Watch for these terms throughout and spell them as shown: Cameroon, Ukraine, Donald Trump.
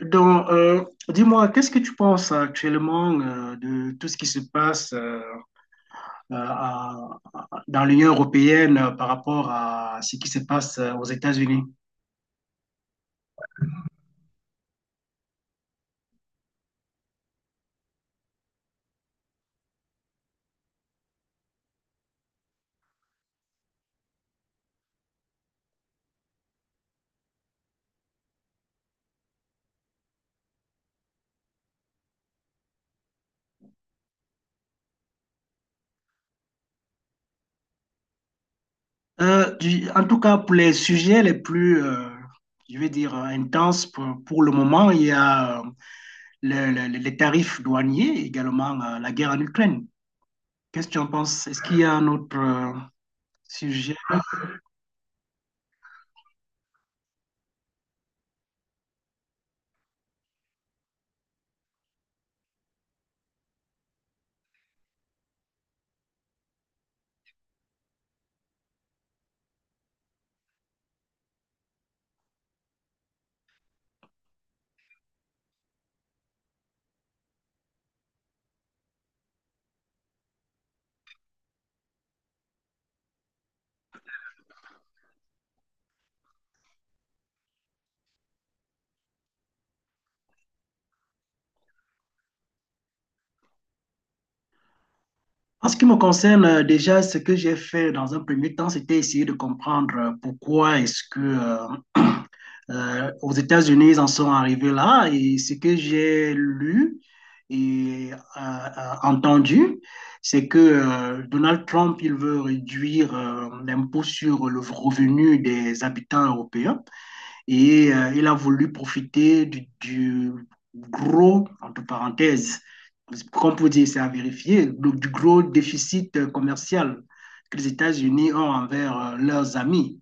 Donc, dis-moi, qu'est-ce que tu penses actuellement de tout ce qui se passe euh, à- dans l'Union européenne par rapport à ce qui se passe aux États-Unis? En tout cas, pour les sujets les plus, je vais dire, intenses pour le moment, il y a les tarifs douaniers, également la guerre en Ukraine. Qu'est-ce que tu en penses? Est-ce qu'il y a un autre sujet? En ce qui me concerne, déjà, ce que j'ai fait dans un premier temps, c'était essayer de comprendre pourquoi est-ce que aux États-Unis, ils en sont arrivés là. Et ce que j'ai lu et entendu, c'est que Donald Trump, il veut réduire l'impôt sur le revenu des habitants européens. Et il a voulu profiter du gros, entre parenthèses, comme vous dire, c'est à vérifier, donc du gros déficit commercial que les États-Unis ont envers leurs amis.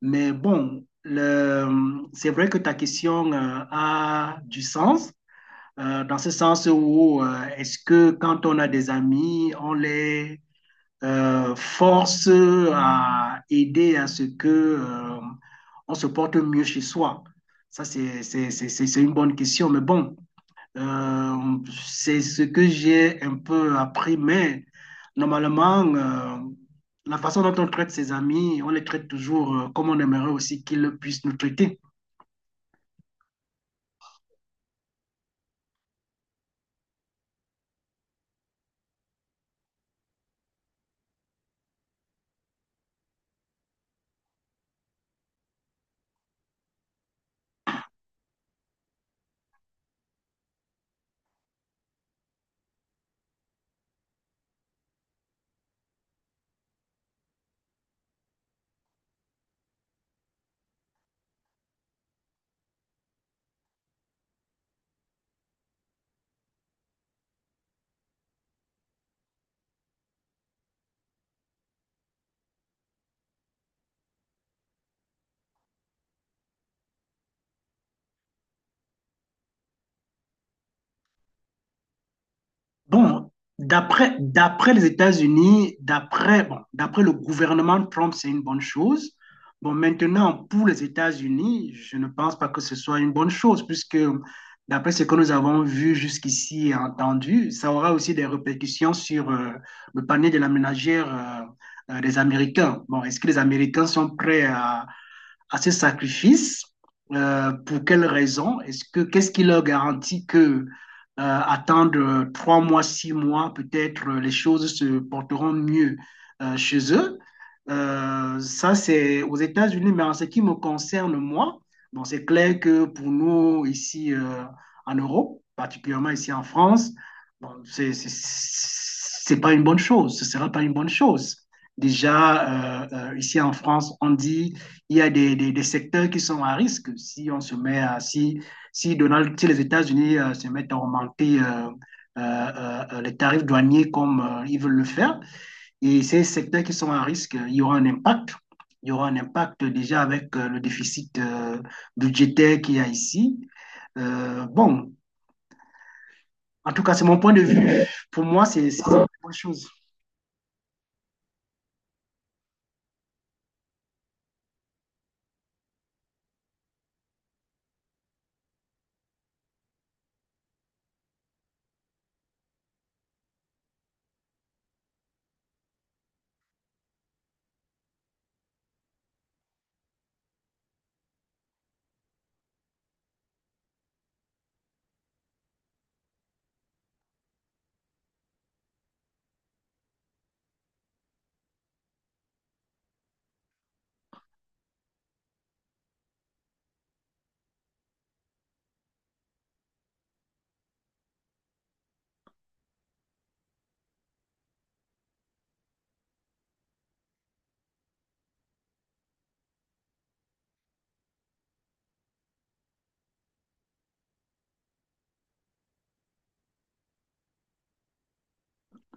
Mais bon, c'est vrai que ta question a du sens, dans ce sens où est-ce que quand on a des amis, on les force à aider à ce que on se porte mieux chez soi. Ça, c'est une bonne question, mais bon, euh, c'est ce que j'ai un peu appris, mais normalement, la façon dont on traite ses amis, on les traite toujours comme on aimerait aussi qu'ils puissent nous traiter. Bon, d'après les États-Unis, d'après bon, d'après le gouvernement Trump, c'est une bonne chose. Bon, maintenant, pour les États-Unis, je ne pense pas que ce soit une bonne chose, puisque d'après ce que nous avons vu jusqu'ici et entendu, ça aura aussi des répercussions sur le panier de la ménagère des Américains. Bon, est-ce que les Américains sont prêts à ce sacrifice? Pour quelles raisons Est-ce que qu'est-ce qui leur garantit que attendre 3 mois, 6 mois, peut-être les choses se porteront mieux chez eux? Ça, c'est aux États-Unis, mais en ce qui me concerne, moi, bon, c'est clair que pour nous, ici en Europe, particulièrement ici en France, bon, c'est pas une bonne chose, ce sera pas une bonne chose. Déjà, ici en France, on dit il y a des secteurs qui sont à risque si on se met à, si, si, Donald, si les États-Unis se mettent à augmenter les tarifs douaniers comme ils veulent le faire. Et ces secteurs qui sont à risque, il y aura un impact. Il y aura un impact déjà avec le déficit budgétaire qu'il y a ici. Bon, en tout cas, c'est mon point de vue. Pour moi, c'est une bonne chose.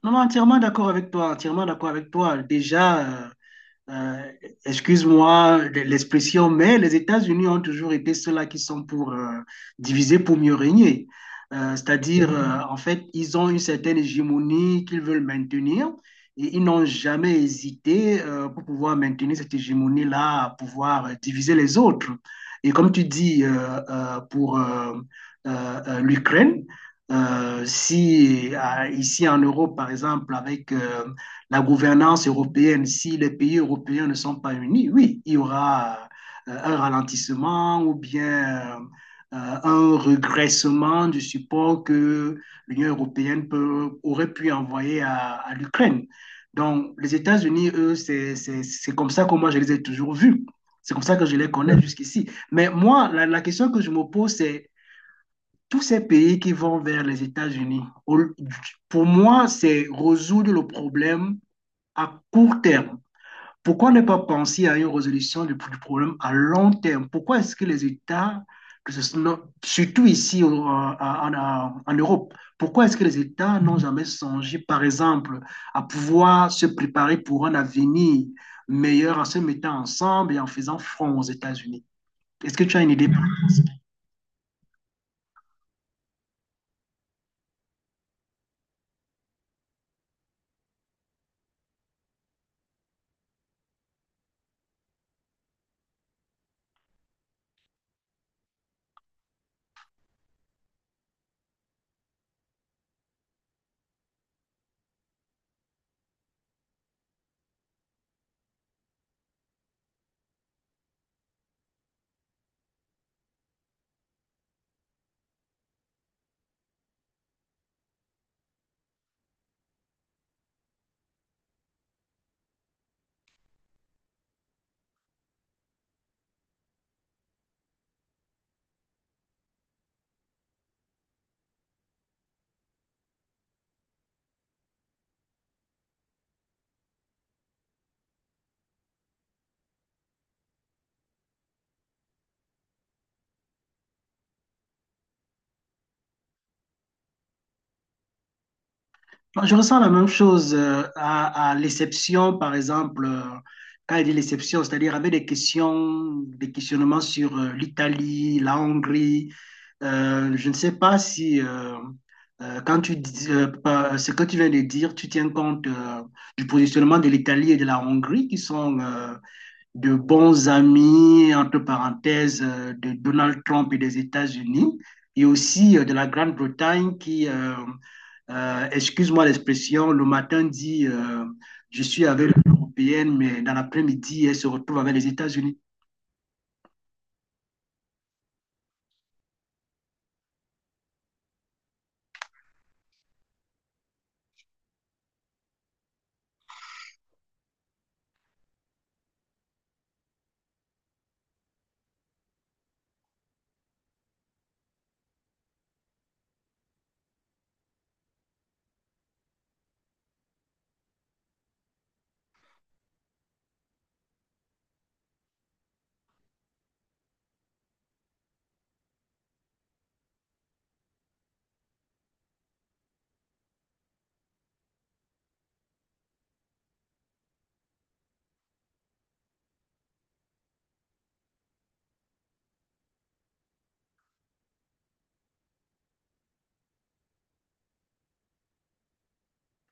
Non, non, entièrement d'accord avec toi, entièrement d'accord avec toi. Déjà, Euh, excuse-moi l'expression, mais les États-Unis ont toujours été ceux-là qui sont pour diviser pour mieux régner. C'est-à-dire, en fait, ils ont une certaine hégémonie qu'ils veulent maintenir et ils n'ont jamais hésité pour pouvoir maintenir cette hégémonie-là, à pouvoir diviser les autres. Et comme tu dis pour l'Ukraine, si ici en Europe, par exemple, avec la gouvernance européenne, si les pays européens ne sont pas unis, oui, il y aura un ralentissement ou bien euh, un regressement du support que l'Union européenne aurait pu envoyer à l'Ukraine. Donc, les États-Unis, eux, c'est comme ça que moi, je les ai toujours vus. C'est comme ça que je les connais jusqu'ici. Mais moi, la question que je me pose, c'est tous ces pays qui vont vers les États-Unis, pour moi, c'est résoudre le problème à court terme. Pourquoi ne pas penser à une résolution du problème à long terme? Pourquoi est-ce que les États, que ce surtout ici en Europe, pourquoi est-ce que les États n'ont jamais songé, par exemple, à pouvoir se préparer pour un avenir meilleur en se mettant ensemble et en faisant front aux États-Unis? Est-ce que tu as une idée pour ça? Je ressens la même chose à l'exception, par exemple, quand il dit l'exception, c'est-à-dire avec des questions, des questionnements sur l'Italie, la Hongrie. Je ne sais pas si, quand tu dis, ce que tu viens de dire, tu tiens compte du positionnement de l'Italie et de la Hongrie, qui sont de bons amis, entre parenthèses, de Donald Trump et des États-Unis, et aussi de la Grande-Bretagne excuse-moi l'expression, le matin dit je suis avec l'européenne mais dans l'après-midi, elle se retrouve avec les États-Unis.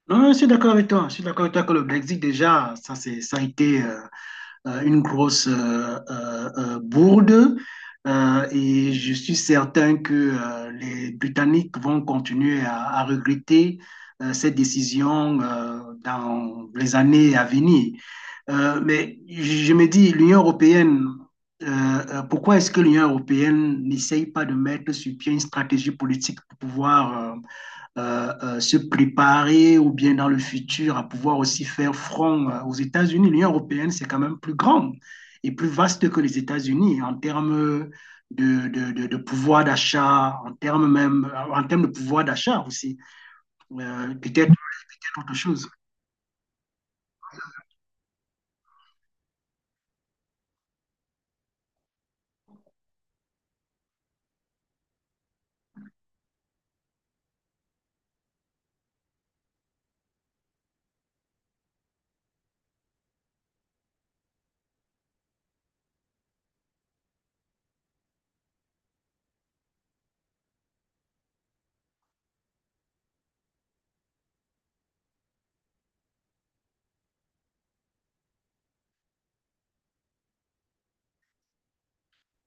Non, non, je suis d'accord avec toi. Je suis d'accord avec toi que le Brexit, déjà, ça, ça a été une grosse bourde. Et je suis certain que les Britanniques vont continuer à regretter cette décision dans les années à venir. Mais je me dis, l'Union européenne, pourquoi est-ce que l'Union européenne n'essaye pas de mettre sur pied une stratégie politique pour pouvoir se préparer ou bien dans le futur à pouvoir aussi faire front aux États-Unis. L'Union européenne, c'est quand même plus grand et plus vaste que les États-Unis en termes de pouvoir d'achat, en termes même, en termes de pouvoir d'achat aussi, peut-être autre chose.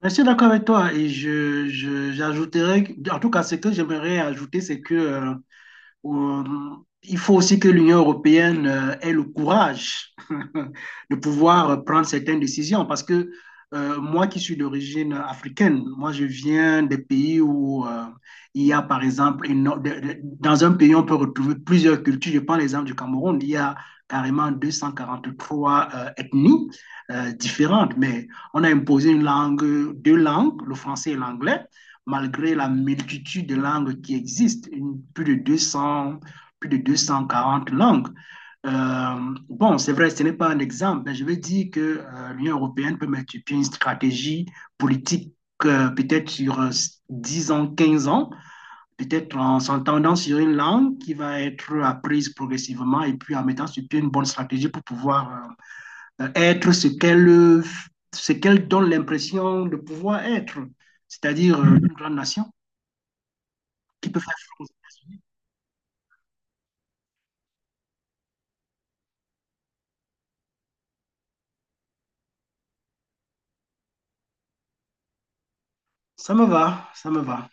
Je suis d'accord avec toi et j'ajouterais, en tout cas, ce que j'aimerais ajouter, c'est que Euh, il faut aussi que l'Union européenne ait le courage de pouvoir prendre certaines décisions parce que moi qui suis d'origine africaine, moi je viens des pays où il y a par exemple, une, no-, de, dans un pays on peut retrouver plusieurs cultures. Je prends l'exemple du Cameroun, il y a carrément 243 ethnies différentes, mais on a imposé une langue, deux langues, le français et l'anglais malgré la multitude de langues qui existent, plus de 200, plus de 240 langues. Bon, c'est vrai, ce n'est pas un exemple, mais je veux dire que l'Union européenne peut mettre sur pied une stratégie politique peut-être sur 10 ans, 15 ans, peut-être en s'entendant sur une langue qui va être apprise progressivement et puis en mettant sur pied une bonne stratégie pour pouvoir être ce qu'elle donne l'impression de pouvoir être, c'est-à-dire une grande nation qui peut faire. Ça me va, ça me va.